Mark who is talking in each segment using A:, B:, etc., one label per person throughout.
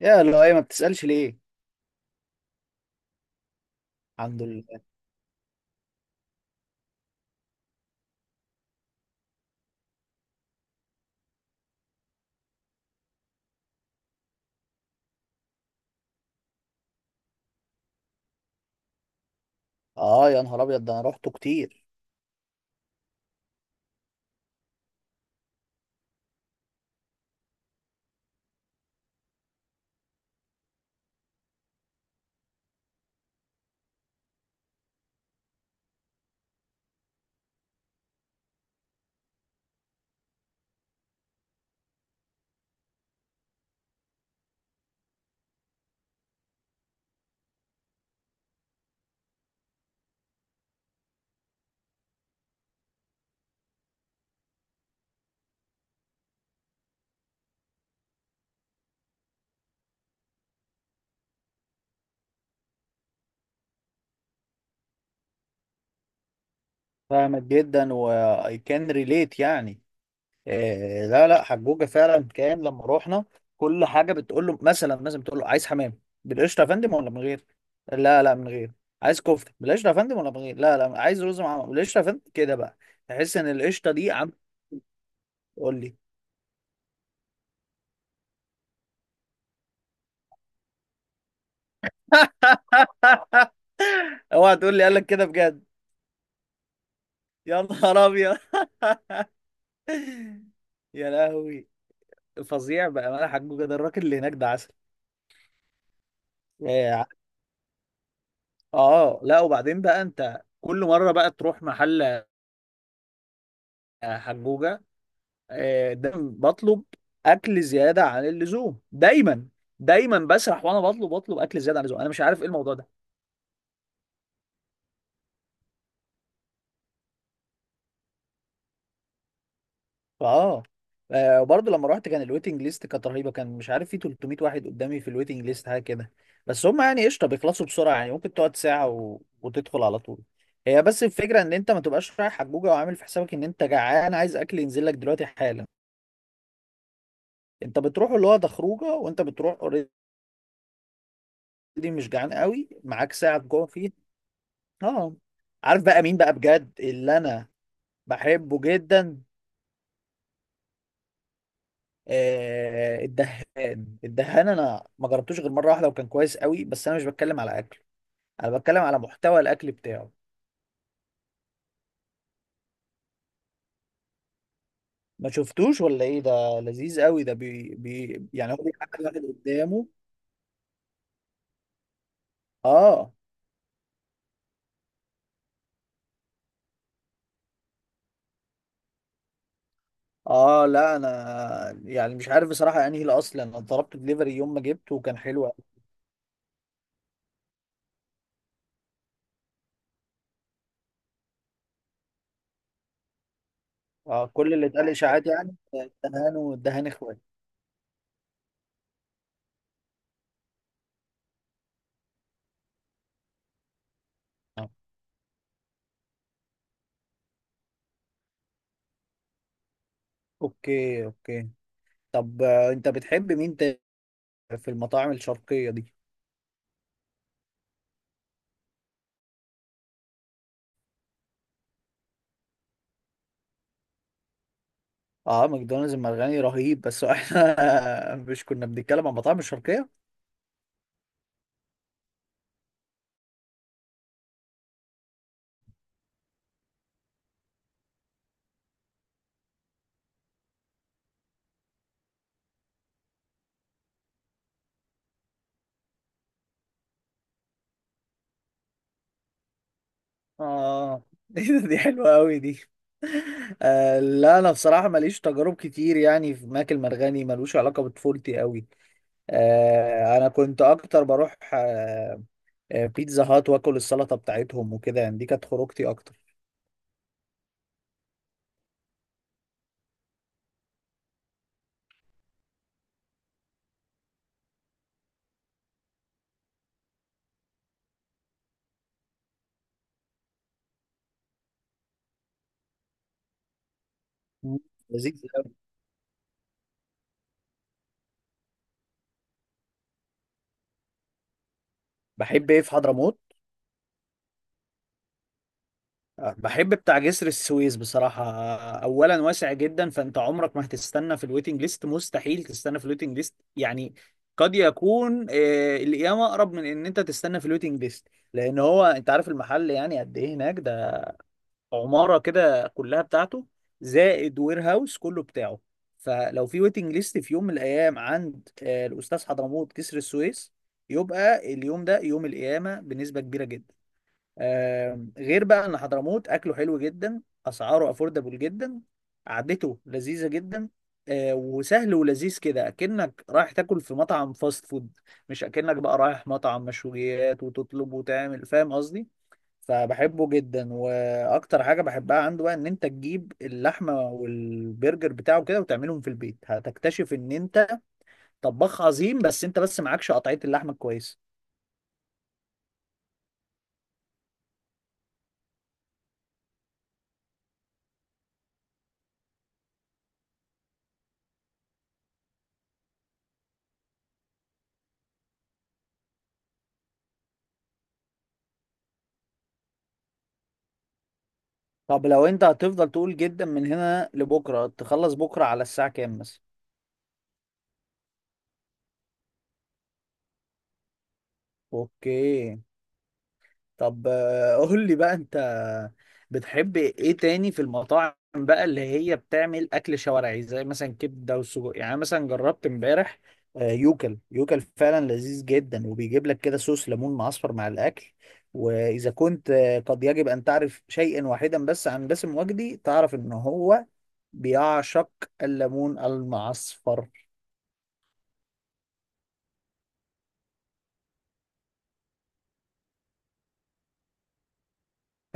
A: يا لؤي ما بتسألش ليه؟ الحمد لله. اه يا نهار ابيض، ده انا روحته كتير. فاهمك جدا، واي كان ريليت يعني. آه لا لا حجوجة فعلا، كان لما روحنا كل حاجة بتقول له، مثلا بتقول له عايز حمام؟ بالقشطة يا فندم ولا من غير؟ لا لا من غير. عايز كفتة بالقشطة يا فندم ولا من غير؟ لا لا عايز رز مع، بالقشطة يا فندم؟ كده بقى تحس ان القشطة دي عم. قول لي. اوعى تقول لي قال لك كده بجد! يا نهار ابيض، يا لهوي! فظيع بأمانة، حجوجة ده الراجل اللي هناك ده عسل. اه، لا وبعدين بقى انت كل مرة بقى تروح محل حجوجة، دايما بطلب اكل زيادة عن اللزوم، دايما دايما بسرح وانا بطلب، اكل زيادة عن اللزوم، انا مش عارف ايه الموضوع ده. اه، وبرضه لما رحت كان الويتنج ليست كانت رهيبه، كان مش عارف، في 300 واحد قدامي في الويتنج ليست، حاجه كده. بس هم يعني قشطه بيخلصوا بسرعه، يعني ممكن تقعد ساعه وتدخل على طول. هي بس الفكره ان انت ما تبقاش رايح حجوجه وعامل في حسابك ان انت جعان عايز اكل ينزل لك دلوقتي حالا. انت بتروح اللي هو ده خروجه، وانت بتروح اوريدي مش جعان قوي، معاك ساعه جوه فيه. اه. عارف بقى مين بقى بجد اللي انا بحبه جدا؟ الدهان. الدهان انا ما جربتوش غير مره واحده وكان كويس قوي، بس انا مش بتكلم على اكل، انا بتكلم على محتوى الاكل بتاعه. ما شفتوش ولا ايه؟ ده لذيذ قوي، ده بي بي يعني، هو بيحكي واحد قدامه. اه. اه لا انا يعني مش عارف بصراحه انهي الاصل، انا طلبت دليفري يوم ما جبته وكان حلو قوي. اه كل اللي اتقال اشاعات يعني، الدهان والدهان اخوات. آه. اوكي اوكي. طب انت بتحب مين تاني في المطاعم الشرقيه دي؟ اه ماكدونالدز المرغني رهيب، بس احنا مش كنا بنتكلم عن مطاعم الشرقية. اه دي حلوة قوي دي. آه لا انا بصراحة ماليش تجارب كتير يعني في ماكل مرغني، ملوش علاقة بطفولتي قوي. آه انا كنت اكتر بروح بيتزا هات واكل السلطة بتاعتهم وكده يعني، دي كانت خروجتي اكتر. مم. لذيذ أوي. بحب ايه في حضرموت؟ بحب بتاع جسر السويس بصراحة. أولا واسع جدا، فأنت عمرك ما هتستنى في الويتنج ليست، مستحيل تستنى في الويتنج ليست يعني. قد يكون القيامة أقرب من إن أنت تستنى في الويتنج ليست، لأن هو أنت عارف المحل يعني قد إيه هناك؟ ده عمارة كده كلها بتاعته، زائد وير هاوس كله بتاعه. فلو في ويتنج ليست في يوم من الأيام عند الأستاذ حضرموت جسر السويس، يبقى اليوم ده يوم القيامة بنسبة كبيرة جدا. غير بقى ان حضرموت اكله حلو جدا، اسعاره افوردبل جدا، قعدته لذيذه جدا. وسهل ولذيذ كده اكنك رايح تاكل في مطعم فاست فود، مش اكنك بقى رايح مطعم مشويات وتطلب وتعمل، فاهم قصدي. فبحبه جدا، واكتر حاجه بحبها عنده بقى ان انت تجيب اللحمه والبرجر بتاعه كده وتعملهم في البيت، هتكتشف ان انت طباخ عظيم، بس انت معكش قطعيه اللحمه كويس. طب لو انت هتفضل تقول جدا من هنا لبكره، تخلص بكره على الساعه كام مثلا؟ اوكي. طب قول لي بقى انت بتحب ايه تاني في المطاعم بقى اللي هي بتعمل اكل شوارعي زي مثلا كبده وسجق؟ يعني أنا مثلا جربت امبارح يوكل يوكل، فعلا لذيذ جدا وبيجيب لك كده صوص ليمون معصفر مع الاكل. واذا كنت قد يجب ان تعرف شيئا واحدا بس عن باسم وجدي، تعرف ان هو بيعشق الليمون المعصفر.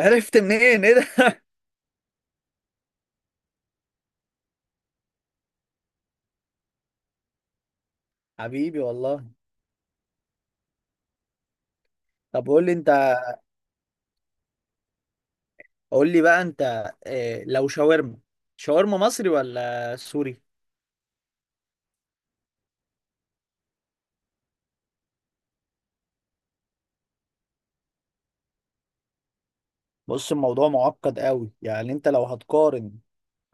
A: عرفت منين ايه ده؟ حبيبي والله. طب قول لي انت. قول لي بقى انت إيه لو شاورما، شاورما مصري ولا سوري؟ بص الموضوع معقد قوي، يعني انت لو هتقارن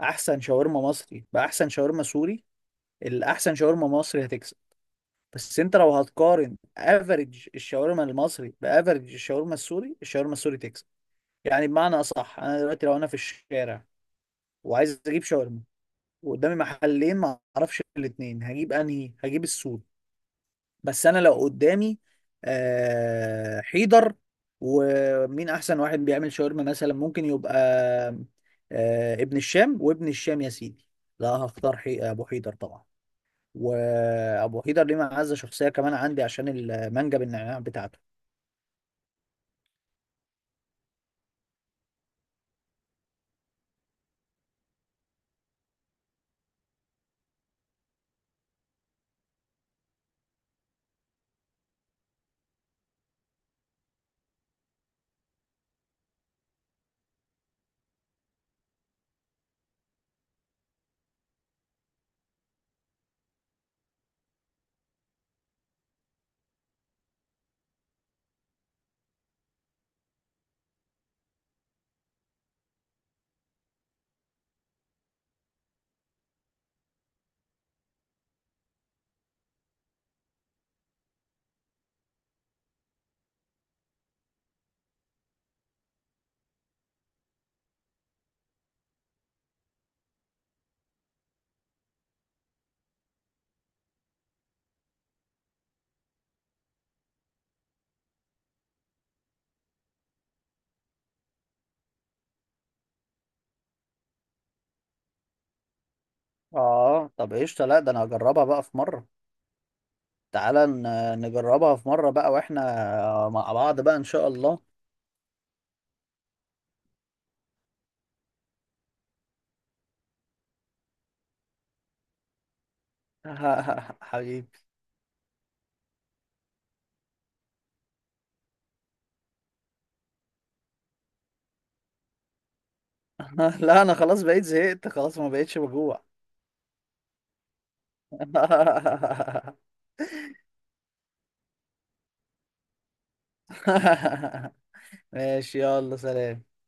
A: احسن شاورما مصري باحسن شاورما سوري، الاحسن شاورما مصري هتكسب. بس انت لو هتقارن افريج الشاورما المصري بافريج الشاورما السوري، الشاورما السوري تكسب. يعني بمعنى اصح، انا دلوقتي لو انا في الشارع وعايز اجيب شاورما وقدامي محلين ما اعرفش الاثنين، هجيب انهي؟ هجيب السوري. بس انا لو قدامي حيدر ومين احسن واحد بيعمل شاورما مثلا ممكن يبقى ابن الشام، وابن الشام يا سيدي لا هختار ابو حيدر طبعا. وابو حيدر ليه معزه شخصيه كمان عندي عشان المانجا بالنعناع بتاعته. اه طب قشطه، لا ده انا هجربها بقى في مره، تعالى نجربها في مره بقى واحنا مع بعض بقى ان شاء الله. حبيبي. لا انا خلاص بقيت زهقت خلاص، ما بقيتش بجوع. ماشي يلا سلام.